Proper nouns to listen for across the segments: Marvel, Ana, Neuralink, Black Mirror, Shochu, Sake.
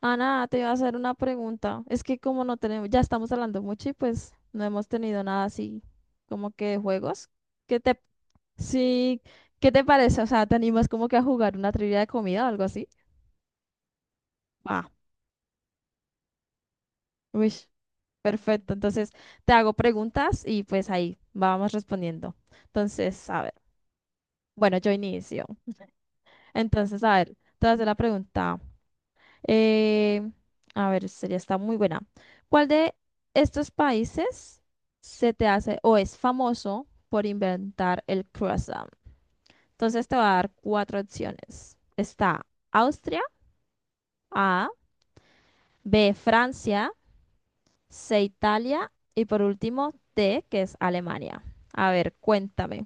Ana, te iba a hacer una pregunta. Es que como no tenemos, ya estamos hablando mucho y pues no hemos tenido nada así como que de juegos. ¿Qué te, sí, qué te parece? O sea, ¿te animas como que a jugar una trivia de comida o algo así? Va. Uy, perfecto. Entonces, te hago preguntas y pues ahí vamos respondiendo. Entonces, a ver. Bueno, yo inicio. Entonces, a ver, te voy a hacer la pregunta. Eh, a ver, esta ya está muy buena. ¿Cuál de estos países se te hace o es famoso por inventar el croissant? Entonces te voy a dar cuatro opciones. Está Austria, A, B, Francia, C, Italia y por último D, que es Alemania. A ver, cuéntame.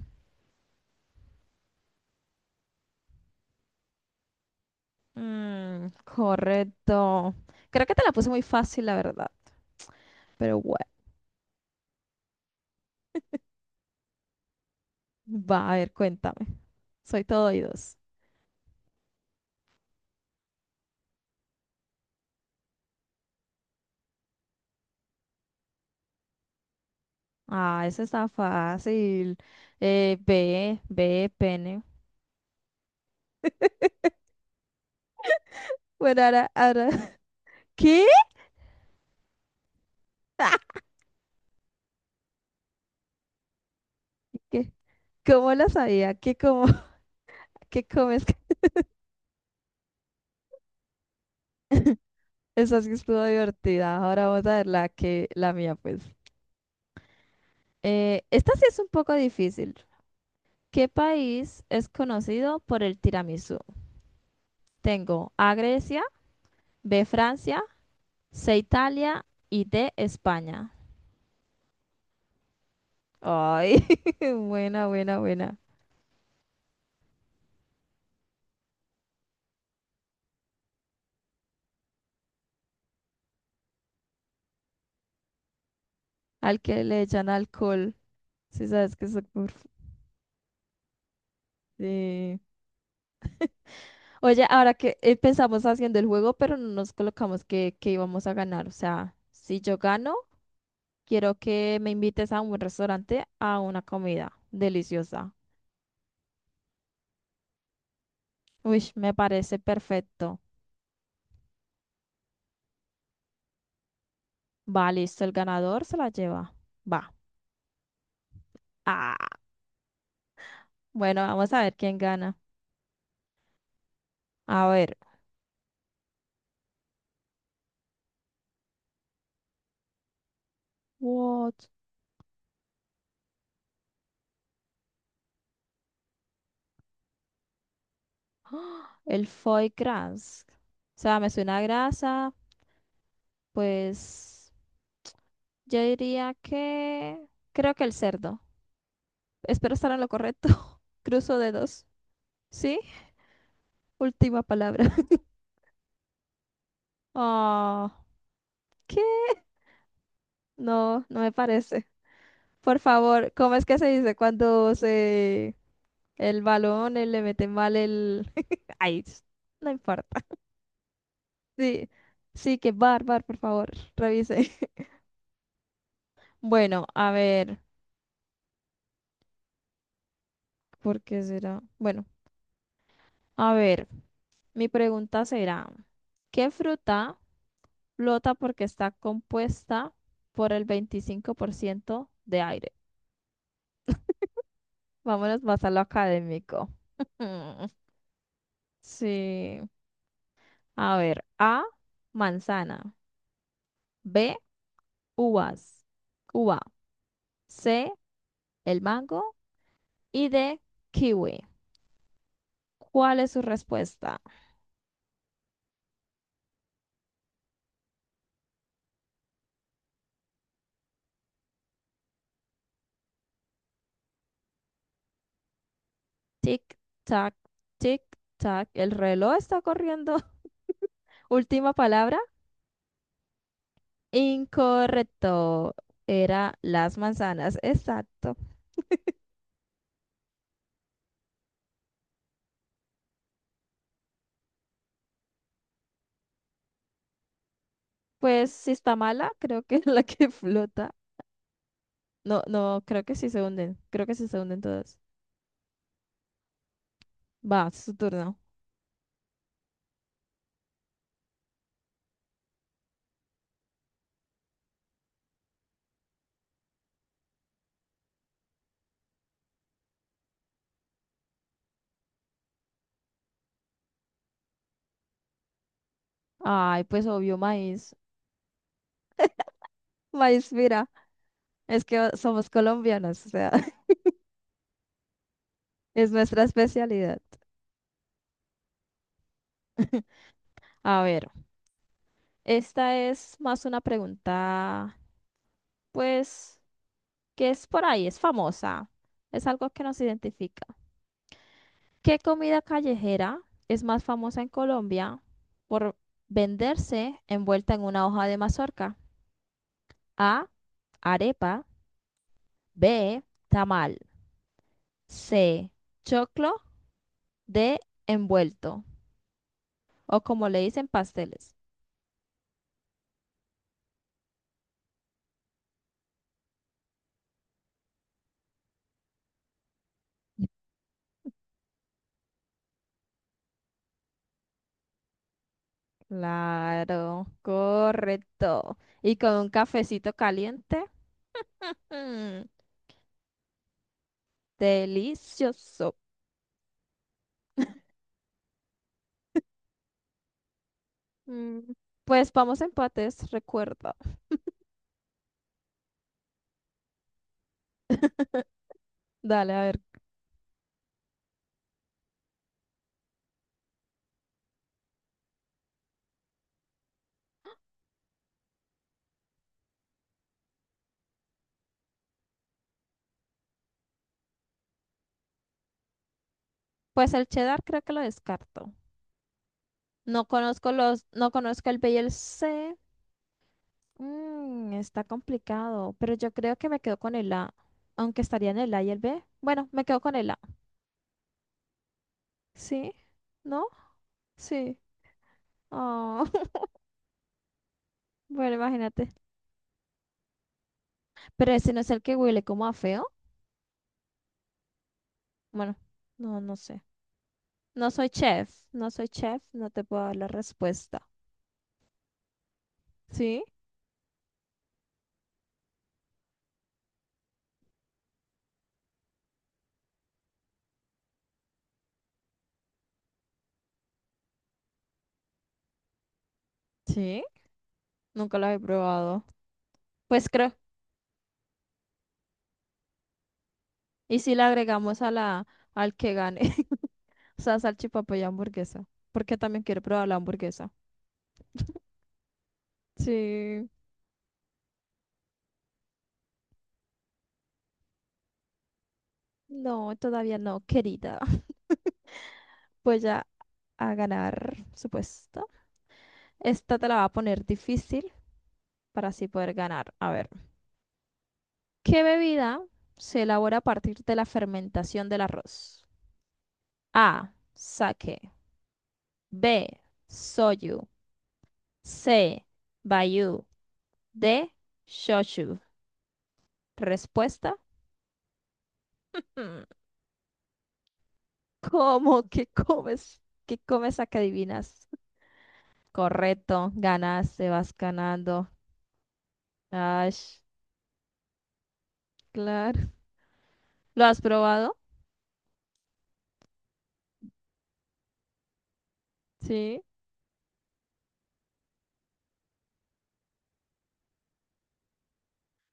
Mm, correcto. Creo que te la puse muy fácil, la verdad. Pero bueno, va, a ver, cuéntame. Soy todo oídos. Ah, eso está fácil. B, pene. Bueno, ahora. ¿Qué? ¿Qué? ¿Cómo lo sabía? ¿Qué como? ¿Qué comes? Esa sí estuvo divertida. Ahora vamos a ver la mía, pues. Esta sí es un poco difícil. ¿Qué país es conocido por el tiramisú? Tengo A Grecia, B Francia, C Italia y D España. Ay, buena, buena, buena. Al que le echan alcohol. Sí, sabes que es. Sí. Oye, ahora que empezamos haciendo el juego, pero no nos colocamos que íbamos a ganar. O sea, si yo gano, quiero que me invites a un buen restaurante a una comida deliciosa. Uy, me parece perfecto. Va, listo, el ganador se la lleva. Va. Ah, bueno, vamos a ver quién gana. A ver. What? El foie gras. O sea, me suena a grasa. Pues yo diría que... Creo que el cerdo. Espero estar en lo correcto. Cruzo dedos. ¿Sí? Última palabra. Oh, ¿qué? No, no me parece. Por favor, ¿cómo es que se dice cuando se el balón le mete mal el... Ay, no importa. Sí, sí, que bar, bar, por favor, revise. Bueno, a ver, ¿por qué será? Bueno, a ver, mi pregunta será, ¿qué fruta flota porque está compuesta por el 25% de aire? Vámonos más a lo académico. Sí. A ver, A, manzana. B, uvas. Uva. C, el mango. Y D, kiwi. ¿Cuál es su respuesta? Tic, tac, tic, tac. El reloj está corriendo. Última palabra. Incorrecto. Era las manzanas. Exacto. Pues si está mala, creo que es la que flota. No, no, creo que sí se hunden. Creo que sí se hunden todas. Va, es su turno. Ay, pues obvio, maíz. Maíz, mira, es que somos colombianos, o sea, es nuestra especialidad. A ver, esta es más una pregunta, pues, que es por ahí, es famosa, es algo que nos identifica. ¿Qué comida callejera es más famosa en Colombia por venderse envuelta en una hoja de mazorca? A, arepa, B, tamal, C, choclo, D, envuelto. O como le dicen, pasteles. Claro, correcto. Y con un cafecito caliente. mm, delicioso. Mm, pues vamos a empates, recuerda. Dale, a ver. Pues el cheddar creo que lo descarto. No conozco el B y el C. Mm, está complicado, pero yo creo que me quedo con el A, aunque estaría en el A y el B. Bueno, me quedo con el A. ¿Sí? ¿No? Sí. Oh, bueno, imagínate. Pero ese no es el que huele como a feo. Bueno, no, no sé. No soy chef, no soy chef, no te puedo dar la respuesta. ¿Sí? Sí, nunca lo he probado. Pues creo. ¿Y si le agregamos a la, al que gane? O sea, salchipapa y hamburguesa. Porque también quiero probar la hamburguesa. Sí. No, todavía no, querida. Voy a ganar, supuesto. Esta te la va a poner difícil para así poder ganar. A ver. ¿Qué bebida se elabora a partir de la fermentación del arroz? A. Sake. B. Soyu. C. Bayu. D. Shochu. Respuesta. Mm, ¿cómo que comes? ¿Qué comes a que adivinas? Correcto. Ganaste, vas ganando. Ash, claro. ¿Lo has probado? Sí.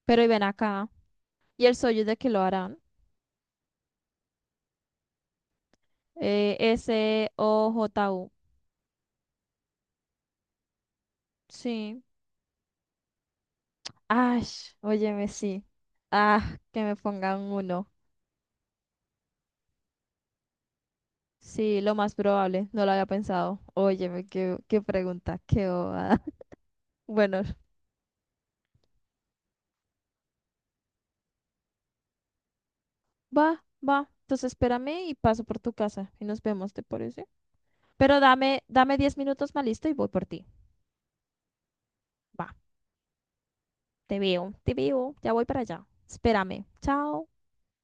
Pero y ven acá. ¿Y el soyu de qué lo harán? SOJU. Sí. Ash, óyeme, sí. Ah, que me pongan uno. Sí, lo más probable, no lo había pensado. Óyeme, qué, qué pregunta, qué bobada. Bueno, va, va. Entonces espérame y paso por tu casa y nos vemos, ¿te parece? Pero dame, dame 10 minutos más listo y voy por ti. Va, te veo, ya voy para allá. Espérame, chao.